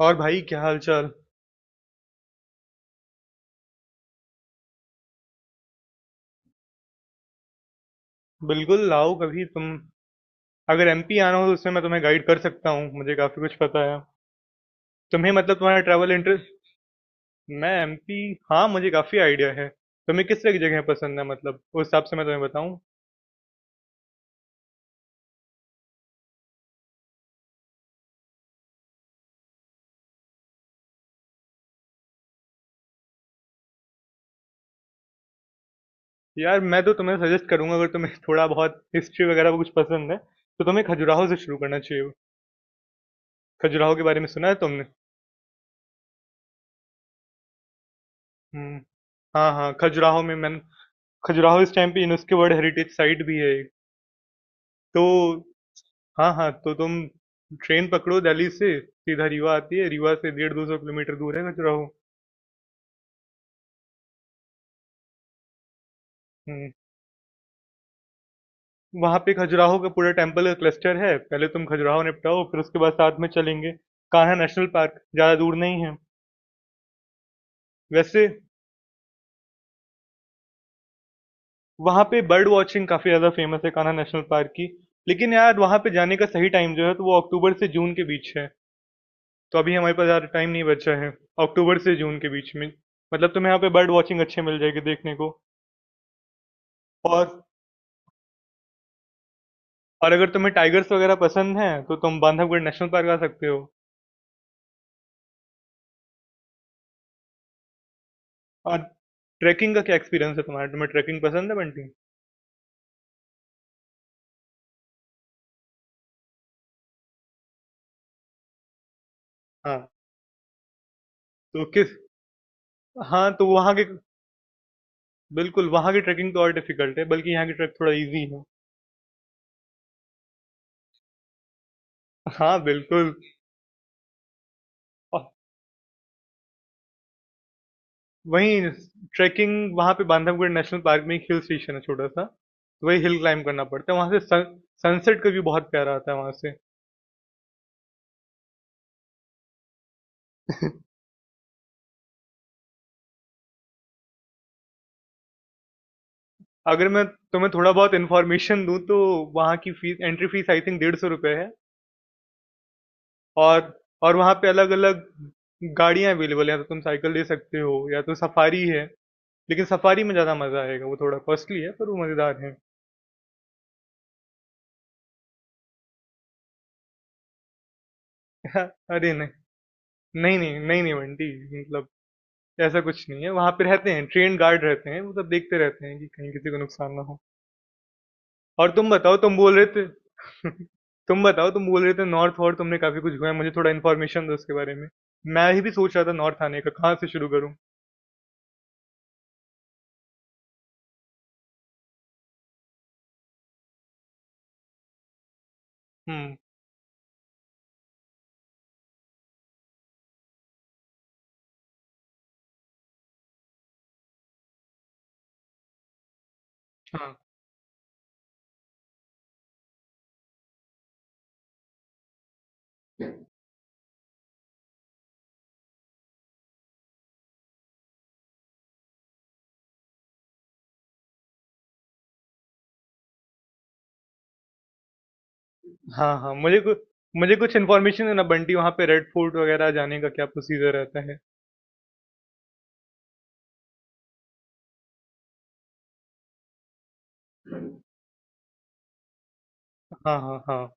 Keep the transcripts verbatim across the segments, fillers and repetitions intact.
और भाई क्या हालचाल? बिल्कुल लाओ कभी तुम। अगर एम पी आना हो तो उसमें मैं तुम्हें गाइड कर सकता हूँ, मुझे काफी कुछ पता है। तुम्हें मतलब तुम्हारा ट्रैवल इंटरेस्ट, मैं एम पी, हाँ मुझे काफी आइडिया है। तुम्हें किस तरह की जगह पसंद है? मतलब उस हिसाब से मैं तुम्हें बताऊँ। यार मैं तो तुम्हें सजेस्ट करूंगा, अगर तुम्हें थोड़ा बहुत हिस्ट्री वगैरह को कुछ पसंद है तो तुम्हें खजुराहो से शुरू करना चाहिए। खजुराहो के बारे में सुना है तुमने? हम्म। हाँ हाँ, खजुराहो में मैंने, खजुराहो इस टाइम पे यूनेस्को वर्ल्ड हेरिटेज साइट भी है एक। तो हाँ हाँ, तो तुम ट्रेन पकड़ो, दिल्ली से सीधा रीवा आती है। रीवा से डेढ़ दो सौ किलोमीटर दूर है खजुराहो। हम्म। वहां पे खजुराहो का पूरा टेम्पल क्लस्टर है। पहले तुम खजुराहो निपटाओ, फिर उसके बाद साथ में चलेंगे। कान्हा नेशनल पार्क ज्यादा दूर नहीं है वैसे। वहां पे बर्ड वॉचिंग काफी ज्यादा फेमस है कान्हा नेशनल पार्क की। लेकिन यार वहां पे जाने का सही टाइम जो है तो वो अक्टूबर से जून के बीच है। तो अभी हमारे पास ज्यादा टाइम नहीं बचा है। अक्टूबर से जून के बीच में मतलब तुम्हें यहाँ पे बर्ड वॉचिंग अच्छे मिल जाएगी देखने को। और और अगर तुम्हें टाइगर्स वगैरह पसंद हैं तो तुम बांधवगढ़ नेशनल पार्क आ सकते हो। और ट्रैकिंग का क्या एक्सपीरियंस है तुम्हारा? तुम्हें ट्रैकिंग पसंद है बंटी? हाँ, तो किस, हाँ तो वहाँ के, बिल्कुल वहाँ की ट्रैकिंग तो और डिफिकल्ट है, बल्कि यहाँ की ट्रैक थोड़ा इजी है। हाँ बिल्कुल। और वहीं, ट्रैकिंग वहाँ पे बांधवगढ़ नेशनल पार्क में एक हिल स्टेशन है छोटा सा, तो वही हिल क्लाइंब करना पड़ता है। वहाँ से सन, सनसेट का व्यू बहुत प्यारा आता है वहाँ से। अगर मैं तुम्हें थोड़ा बहुत इन्फॉर्मेशन दूँ तो वहाँ की fees, entry fees I think डेढ़ सौ रुपये है। और और वहाँ पे अलग-अलग गाड़ियाँ अवेलेबल हैं, या तो तुम साइकिल ले सकते हो या तो सफारी है। लेकिन सफारी में ज़्यादा मज़ा आएगा, वो थोड़ा कॉस्टली है पर वो मज़ेदार है। अरे नहीं नहीं नहीं नहीं नहीं बंटी, मतलब ऐसा कुछ नहीं है। वहाँ पे रहते हैं, ट्रेन गार्ड रहते हैं, वो सब देखते रहते हैं कि कहीं किसी को नुकसान ना हो। और तुम बताओ, तुम बोल रहे थे, तुम बताओ, तुम बोल रहे थे नॉर्थ और तुमने काफ़ी कुछ घुमा है, मुझे थोड़ा इन्फॉर्मेशन दो उसके बारे में। मैं ही भी सोच रहा था नॉर्थ आने का कहाँ से शुरू करूँ। हम्म। हाँ हाँ, हाँ, मुझे कु मुझे कुछ इन्फॉर्मेशन है ना बंटी, वहाँ पे रेड फोर्ट वगैरह जाने का क्या प्रोसीजर रहता है? हाँ, हाँ, हाँ।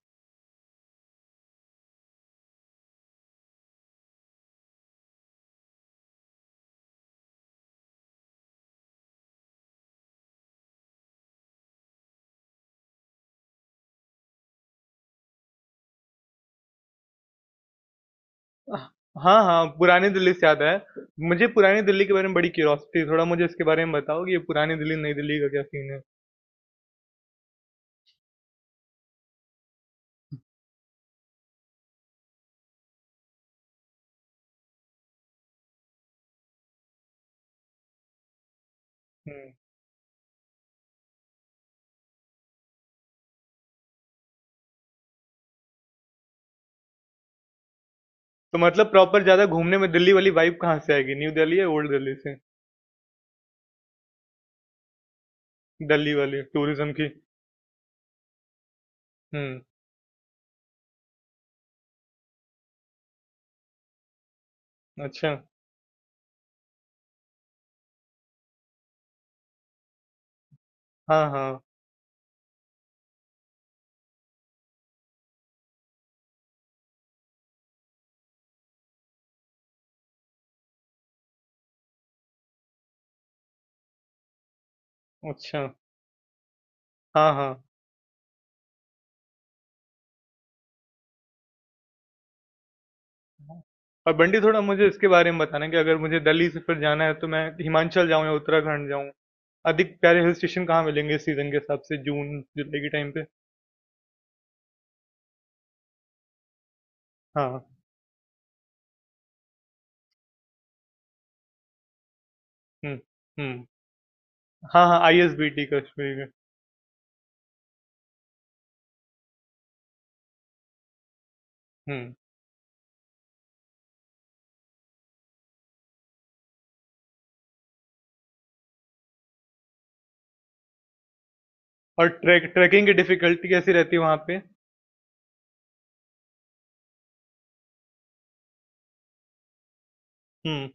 अह, हाँ, हाँ, पुरानी दिल्ली से याद आया। मुझे पुरानी दिल्ली के बारे में बड़ी क्यूरियोसिटी है, थोड़ा मुझे इसके बारे में बताओ कि ये पुरानी दिल्ली, नई दिल्ली का क्या सीन है? हुँ। तो मतलब प्रॉपर ज़्यादा घूमने में दिल्ली वाली वाइब कहाँ से आएगी? न्यू दिल्ली या ओल्ड दिल्ली से? दिल्ली वाली टूरिज़्म की? हुँ, अच्छा। हाँ, हाँ, अच्छा। हाँ, हाँ। और बंटी थोड़ा मुझे इसके बारे में बताना कि अगर मुझे दिल्ली से फिर जाना है तो मैं हिमाचल जाऊँ या उत्तराखंड जाऊँ? अधिक प्यारे हिल स्टेशन कहाँ मिलेंगे इस सीजन के हिसाब से जून जुलाई के टाइम पे? हाँ। हुँ, हुँ, हाँ हाँ I S B T Kashmir में। हुँ। और ट्रैक ट्रैकिंग की डिफिकल्टी कैसी रहती है वहाँ पे? हुँ।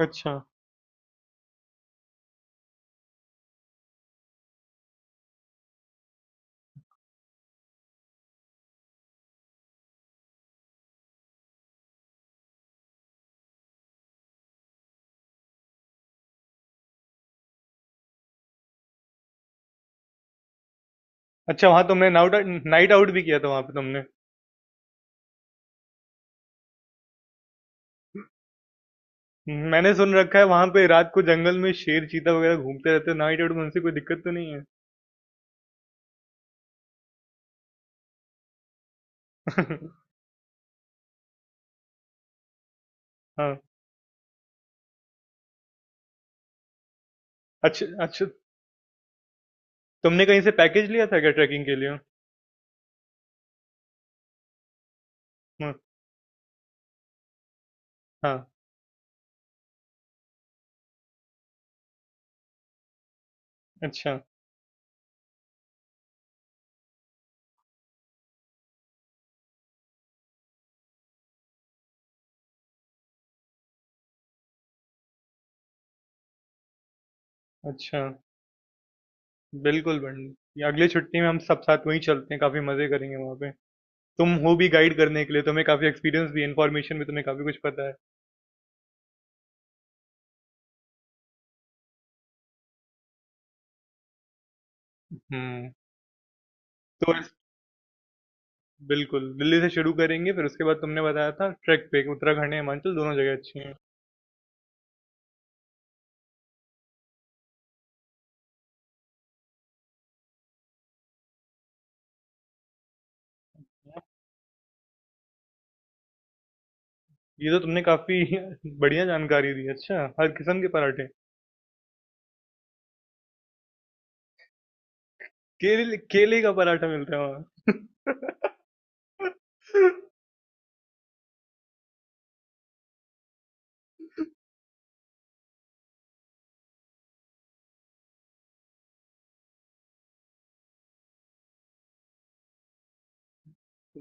अच्छा। अच्छा वहाँ तुमने नाउट नाइट आउट भी किया था वहाँ पे तुमने? हुँ, मैंने सुन रखा है वहाँ पे रात को जंगल में शेर चीता वगैरह घूमते रहते हैं, नाइट आउट में उनसे कोई दिक्कत तो नहीं है? हाँ। अच्छा अच्छा, तुमने कहीं से पैकेज लिया था क्या ट्रैकिंग के लिए? हाँ। हाँ, अच्छा अच्छा। बिल्कुल बंटी। अगली छुट्टी में हम सब साथ वहीं चलते हैं, काफी मजे करेंगे वहां पे। तुम हो भी गाइड करने के लिए, तुम्हें काफी एक्सपीरियंस भी है, इन्फॉर्मेशन भी तुम्हें काफी कुछ पता है। हम्म। तो इस-, बिल्कुल दिल्ली से शुरू करेंगे, फिर उसके बाद तुमने बताया था ट्रैक पे उत्तराखंड या हिमाचल दोनों जगह अच्छी हैं। ये तो तुमने काफी बढ़िया जानकारी दी, अच्छा हर किस्म के पराठे! केले केले का पराठा मिलता है वहाँ?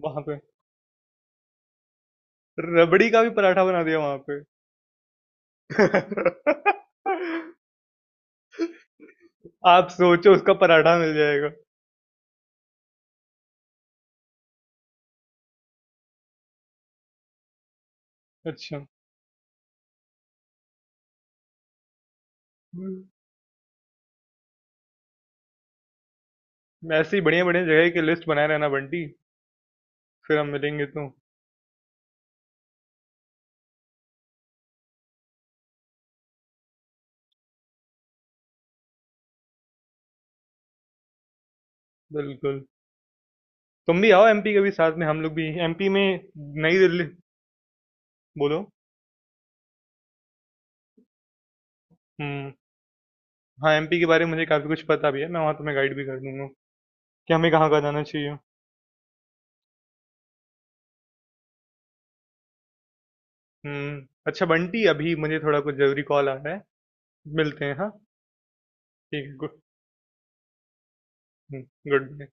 वहां पे रबड़ी का भी पराठा बना दिया वहां पे? आप सोचो उसका पराठा मिल जाएगा। अच्छा। मैं, ऐसे ही बढ़िया-बढ़िया जगह की लिस्ट बनाए रहना बंटी, फिर हम मिलेंगे तो। बिल्कुल। तुम भी आओ एम पी, कभी साथ में हम लोग भी एम पी में, नई दिल्ली, बोलो? हुँ। हाँ, एम पी के बारे में मुझे काफ़ी कुछ पता भी है। मैं वहाँ तुम्हें गाइड भी कर दूँगा कि हमें कहाँ-कहाँ जाना चाहिए। हुँ। अच्छा बंटी अभी मुझे थोड़ा कुछ ज़रूरी कॉल आ रहा है। मिलते हैं हाँ? ठीक है, गुड, हुँ, गुड बाय।